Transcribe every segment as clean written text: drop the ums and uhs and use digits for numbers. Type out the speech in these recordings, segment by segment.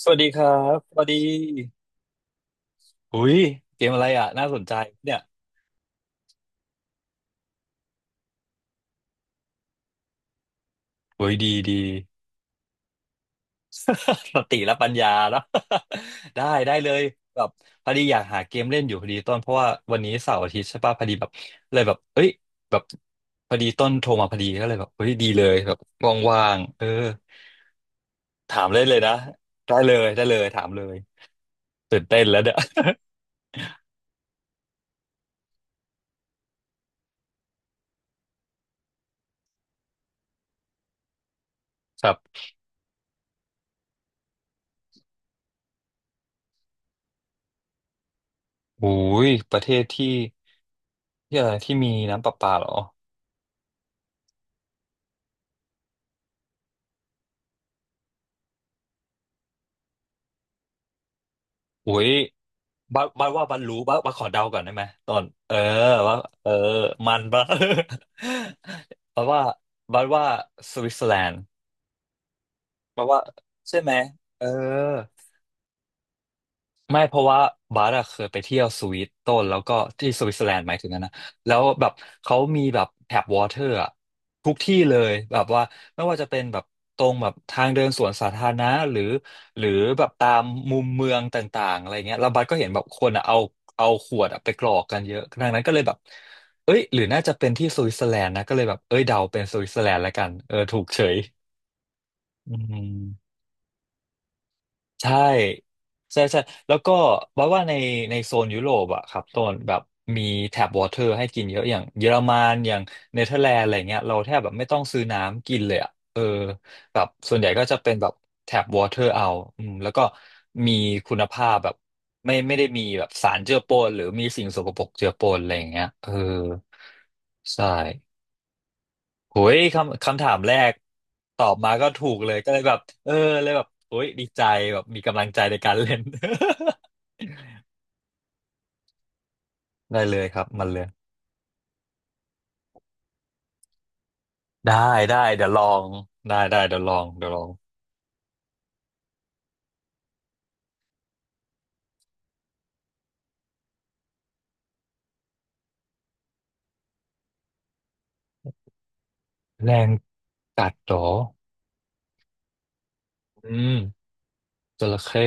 สวัสดีครับสวัสดีหุยเกมอะไรอ่ะน่าสนใจเนี่ยหุยดีดี สติและปัญญาเนาะ ได้เลยแบบพอดีอยากหาเกมเล่นอยู่พอดีต้นเพราะว่าวันนี้เสาร์อาทิตย์ใช่ป่ะพอดีแบบเลยแบบเอ้ยแบบพอดีต้นโทรมาพอดีก็เลยแบบเฮ้ยดีเลยแบบว่างๆเออถามได้เลยนะได้เลยถามเลยตื่นเต้นแล้วเนี่ย ครับโอุยประเทศที่ที่อะไรที่มีน้ำประปาเหรอโอุย บัาบัสว่าบัดรู้บัาบัสขอเดาก่อนได้ไหมตอนว่าเออมันบัด บัดว่าบัดว่าสวิตเซอร์แลนด์บัดว่าใช่ไหมเออ ไม่เพราะว่าบาร์อะเคยไปเที่ยวสวิตต้นแล้วก็ที่สวิตเซอร์แลนด์หมายถึงนะนะแล้วแบบเขามีแบบแทบวอเตอร์อะทุกที่เลยแบบว่าไม่ว่าจะเป็นแบบตรงแบบทางเดินสวนสาธารณะหรือหรือแบบตามมุมเมืองต่างๆอะไรเงี้ยแล้วบัสก็เห็นแบบคนอะเอาเอาขวดอะไปกรอกกันเยอะดังนั้นก็เลยแบบเอ้ยหรือน่าจะเป็นที่สวิตเซอร์แลนด์นะก็เลยแบบเอ้ยเดาเป็นสวิตเซอร์แลนด์แล้วกันเออถูกเฉยอืม ใช่ใช่ใช่แล้วก็ว่าในในโซนยุโรปอะครับโซนแบบมีแท็บวอเตอร์ให้กินเยอะอย่างเยอรมันอย่างเนเธอร์แลนด์อะไรเงี้ยเราแทบแบบไม่ต้องซื้อน้ำกินเลยอะเออแบบส่วนใหญ่ก็จะเป็นแบบแท็บวอเตอร์เอาอืมแล้วก็มีคุณภาพแบบไม่ได้มีแบบสารเจือปนหรือมีสิ่งสกปรกเจือปนอะไรอย่างเงี้ยเออใช่ โอ้ยคำถามแรกตอบมาก็ถูกเลยก็เลยแบบเออเลยแบบโอ้ยดีใจแบบมีกำลังใจในการเล่น ได้เลยครับมันเลยได้ได้เดี๋ยวลองได้เดี๋ยวลองเดี๋ยวลองแรงกัดเหรออืมจระเข้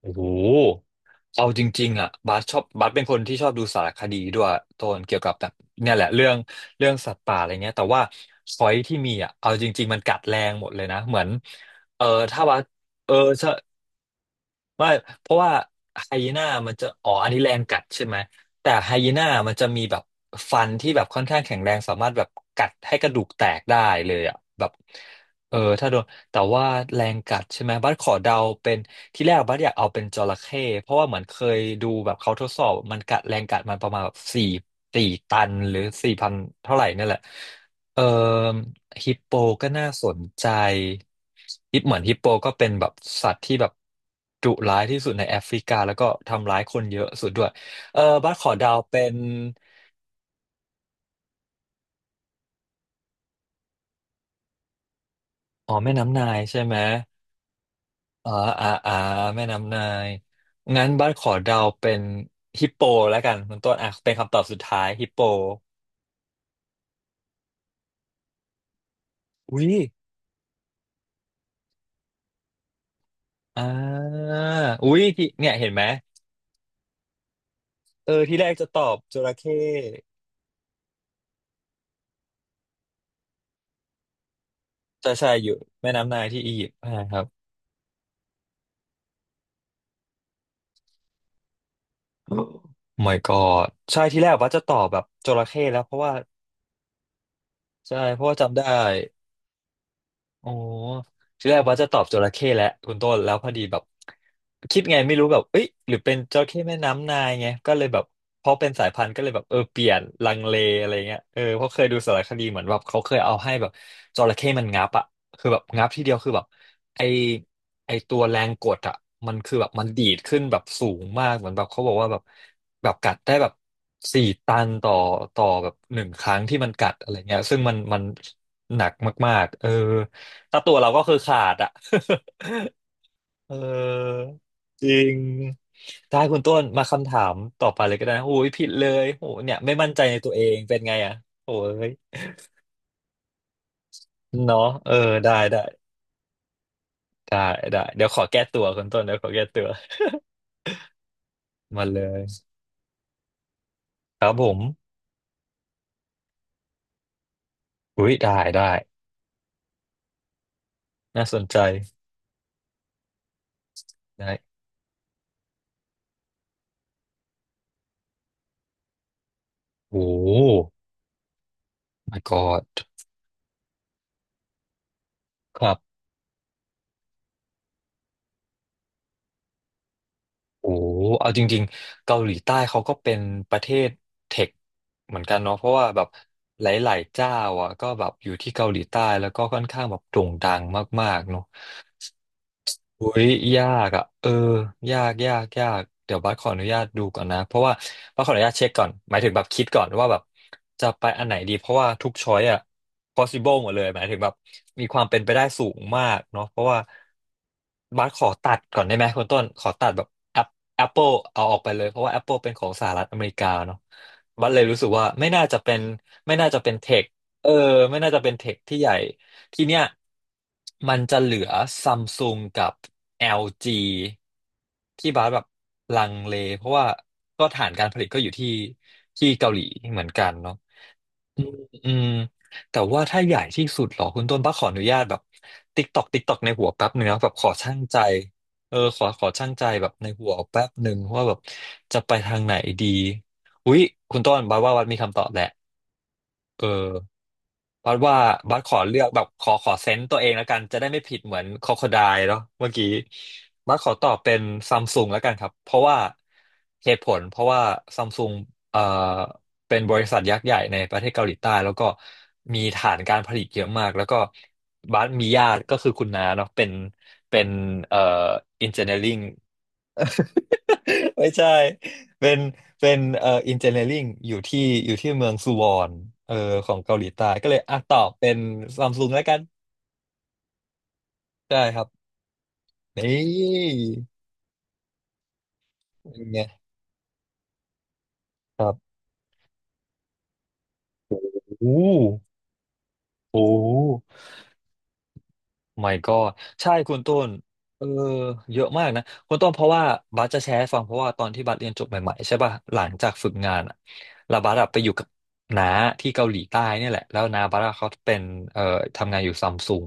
โอ้โหเอาจริงๆอ่ะบาสชอบบาสเป็นคนที่ชอบดูสารคดีด้วยโตนเกี่ยวกับแบบเนี่ยแหละเรื่องสัตว์ป่าอะไรเงี้ยแต่ว่าช้อยที่มีอ่ะเอาจริงๆมันกัดแรงหมดเลยนะเหมือนเออถ้าว่าสเออใช่ ไม่เพราะว่าไฮยีน่ามันจะอ๋ออันนี้แรงกัดใช่ไหมแต่ไฮยีน่ามันจะมีแบบฟันที่แบบค่อนข้างแข็งแรงสามารถแบบกัดให้กระดูกแตกได้เลยอ่ะแบบเออถ้าโดนแต่ว่าแรงกัดใช่ไหมบัสขอเดาเป็นที่แรกบัสอยากเอาเป็นจระเข้เพราะว่าเหมือนเคยดูแบบเขาทดสอบมันกัดแรงกัดมันประมาณแบบสี่สี่ตันหรือสี่พันเท่าไหร่เนี่ยแหละ เอ่อฮิปโปก็น่าสนใจฮิปเหมือนฮิปโปก็เป็นแบบสัตว์ที่แบบดุร้ายที่สุดในแอฟริกาแล้วก็ทำร้ายคนเยอะสุดด้วยเออบัสขอเดาวเป็นอ๋อแม่น้ำนายใช่ไหมอ๋ออ่าอ่าแม่น้ำนาย งั้นบัสขอเดาวเป็นฮิปโปแล้วกันคุณต้นอ่ะเป็นคำตอบสุดท้ายฮิปโปอุ้ยอ่าอุ้ยที่เนี่ยเห็นไหมเออที่แรกจะตอบจระเข้ใช่ใช่อยู่แม่น้ำนายที่อียิปต์ใช่ครับ Oh my god ใช่ที่แรกว่าจะตอบแบบจระเข้แล้วเพราะว่าใช่เพราะว่าจำได้ โอ้ทีแรกว่าจะตอบจระเข้แหละคุณต้นแล้วพอดีแบบคิดไงไม่รู้แบบเอ้ยหรือเป็นจระเข้แม่น้ำนายไงก็เลยแบบเพราะเป็นสายพันธุ์ก็เลยแบบเออเปลี่ยนลังเลอะไรเงี้ยเออเพราะเคยดูสารคดีเหมือนแบบเขาเคยเอาให้แบบจระเข้มันงับอ่ะคือแบบงับทีเดียวคือแบบไอไอตัวแรงกดอ่ะมันคือแบบมันดีดขึ้นแบบสูงมากเหมือนแบบเขาบอกว่าแบบแบบกัดได้แบบสี่ตันต่อแบบหนึ่งครั้งที่มันกัดอะไรเงี้ยซึ่งมันหนักมากๆเออ ถ้าตัวเราก็คือขาดอ่ะ เออจริง ได้คุณต้นมาคำถามต่อไปเลยก็ได้นะโอ้ยผิดเลยโอ้ยเนี่ยไม่มั่นใจในตัวเองเป็นไงอ่ะโอ้ยเนาะเออได้ได้ได้ได้เดี๋ยวขอแก้ตัวคุณต้นเดี๋ยวขอแก้ตัวมาเลยครับผมอุ้ยได้ได้น่าสนใจได้ โอ้ my god ครับ โอ้เอาจริงๆเกาหลีใต้เขาก็เป็นประเทศเทคเหมือนกันเนาะเพราะว่าแบบหลายๆเจ้าอ่ะก็แบบอยู่ที่เกาหลีใต้แล้วก็ค่อนข้างแบบโด่งดังมากๆเนาะ อุ้ยยากยากเดี๋ยวบัสขออนุญาตดูก่อนนะเพราะว่าบัสขออนุญาตเช็คก่อนหมายถึงแบบคิดก่อนว่าแบบจะไปอันไหนดีเพราะว่าทุกช้อยอ่ะ possible หมดเลยหมายถึงแบบมีความเป็นไปได้สูงมากเนาะเพราะว่าบัสขอตัดก่อนได้ไหมคุณต้นขอตัดแบบ App- Apple เอาออกไปเลยเพราะว่า Apple เป็นของสหรัฐอเมริกาเนาะบัสเลยรู้สึกว่าไม่น่าจะเป็นเทคเออไม่น่าจะเป็นเทคที่ใหญ่ ทีเนี้ยมันจะเหลือซัมซุงกับ LG ที่บาสแบบลังเลเพราะว่าฐานการผลิตก็อยู่ที่เกาหลีเหมือนกันเนาะอืมอืมแต่ว่าถ้าใหญ่ที่สุดเหรอคุณต้นป้าขออนุญาตแบบติ๊กตอกติ๊กตอกในหัวแป๊บเนื้อแบบขอชั่างใจเออขอชั่างใจแบบในหัวแป๊บหนึ่งว่าแบบจะไปทางไหนดีอุ๊ยคุณต้นบาว่าวัดมีคำตอบแหละ เออบัสว่าบัสขอเลือกแบบขอเซนต์ตัวเองแล้วกันจะได้ไม่ผิดเหมือนค o ค o ได e เนาะเมื่อกี้บัสขอตอบเป็นซัมซุงแล้วกันครับเพราะว่าเหตุผลเพราะว่าซัมซุงเอ่อเป็นบริษัทยักษ์ใหญ่ในประเทศเกาหลีใต้แล้วก็มีฐานการผลิตเยอะมากแล้วก็บัสมีญาติก็คือคุณน้าเนาะเป็นเอ่ออินเจเนียริง ไม่ใช่ เป็นเป็นอินเจเนียริงอยู่ที่เมืองซูวอนเออของเกาหลีใต้ก็เลยอ่ะตอบเป็นซัมซุงแล้วกันได้ครับ นี่เป็นไงครับ โอ้โอ้ my god ใช่คุณต้นเออเยอะมากนะคุณต้นเพราะว่าบัสจะแชร์ให้ฟังเพราะว่าตอนที่บัสเรียนจบใหม่ๆใช่ป่ะหลังจากฝึกงานอะแล้วบัสอะไปอยู่กับน้าที่เกาหลีใต้เนี่ยแหละแล้วน้าบัสอะเขาเป็นเอ่อทำงานอยู่ซัมซุง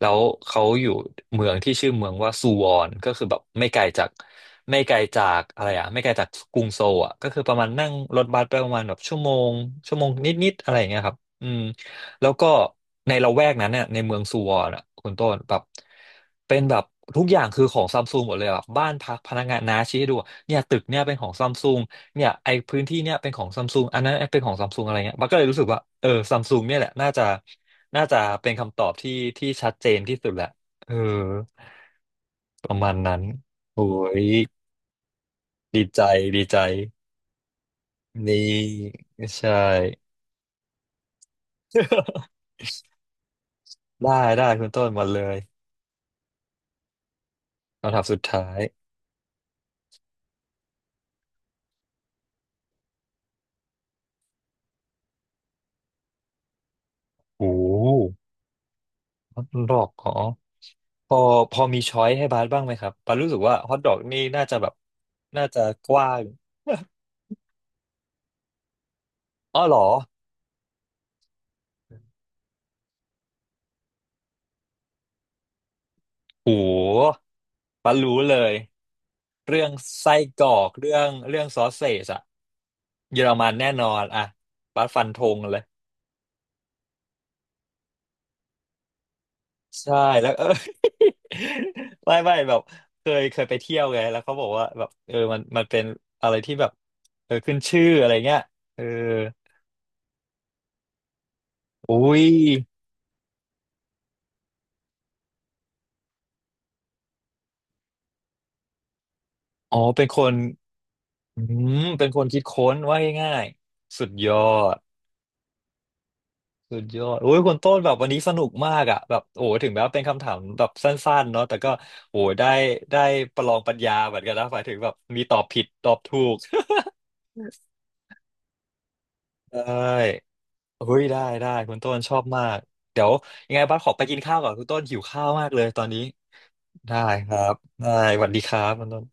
แล้วเขาอยู่เมืองที่ชื่อเมืองว่าซูวอนก็คือแบบไม่ไกลจากอะไรอะไม่ไกลจากกรุงโซลอะก็คือประมาณนั่งรถบัสไปประมาณแบบชั่วโมงนิดๆอะไรอย่างเงี้ยครับอืม แล้วก็ในละแวกนั้นเนี่ยในเมืองซูวอนอ่ะคุณต้นแบบเป็นแบบทุกอย่างคือของซัมซุงหมดเลยแบบบ้านพักพนักงานน้าชี้ให้ดูเนี่ยตึกเนี่ยเป็นของซัมซุงเนี่ยไอพื้นที่เนี่ยเป็นของซัมซุงอันนั้นเป็นของซัมซุงอะไรเงี้ยมันก็เลยรู้สึกว่าเออซัมซุงเนี่ยแหละน่าจะเป็นคำตอบที่ชัดเจนที่สุดแหละเออประมาณนั้นโอ้ยดีใจดีใจนี่ใช่ ได้ได้คุณต้นมาเลยคำถามสุดท้ายโอ้ ฮอทดอกอ๋อพอพอมีช้อยให้บาสบ้างไหมครับบาสรู้สึกว่าฮอทดอกนี่น่าจะแบบน่าจะกว้าง อ๋อเหรอโหบาสรู้เลยเรื่องไส้กรอกเรื่องซอสเซจอะเยอรมันแน่นอนอะบาสฟันธงเลยใช่แล้ว เออ ไม่แบบเคยไปเที่ยวไงแล้วเขาบอกว่าแบบเออมันเป็นอะไรที่แบบเออขึ้นชื่ออะไรเงี้ยเอออุ้ยอ๋อเป็นคน อืมเป็นคนคิดค้นว่าง่ายๆสุดยอดสุดยอดโอ้ยคุณต้นแบบวันนี้สนุกมากอ่ะแบบโอ้ถึงแม้ว่าเป็นคำถามแบบสั้นๆเนาะแต่ก็โอ้ได้ได้ประลองปัญญาเหมือนกันนะหมายถึงแบบมีตอบผิดตอบถูก ได้เฮ้ยได้ได้คุณต้นชอบมากเดี๋ยวยังไงบ้าสขอไปกินข้าวก่อนคุณต้นหิวข้าวมากเลยตอนนี้ได้ครับได้สวัสดีครับคุณต้น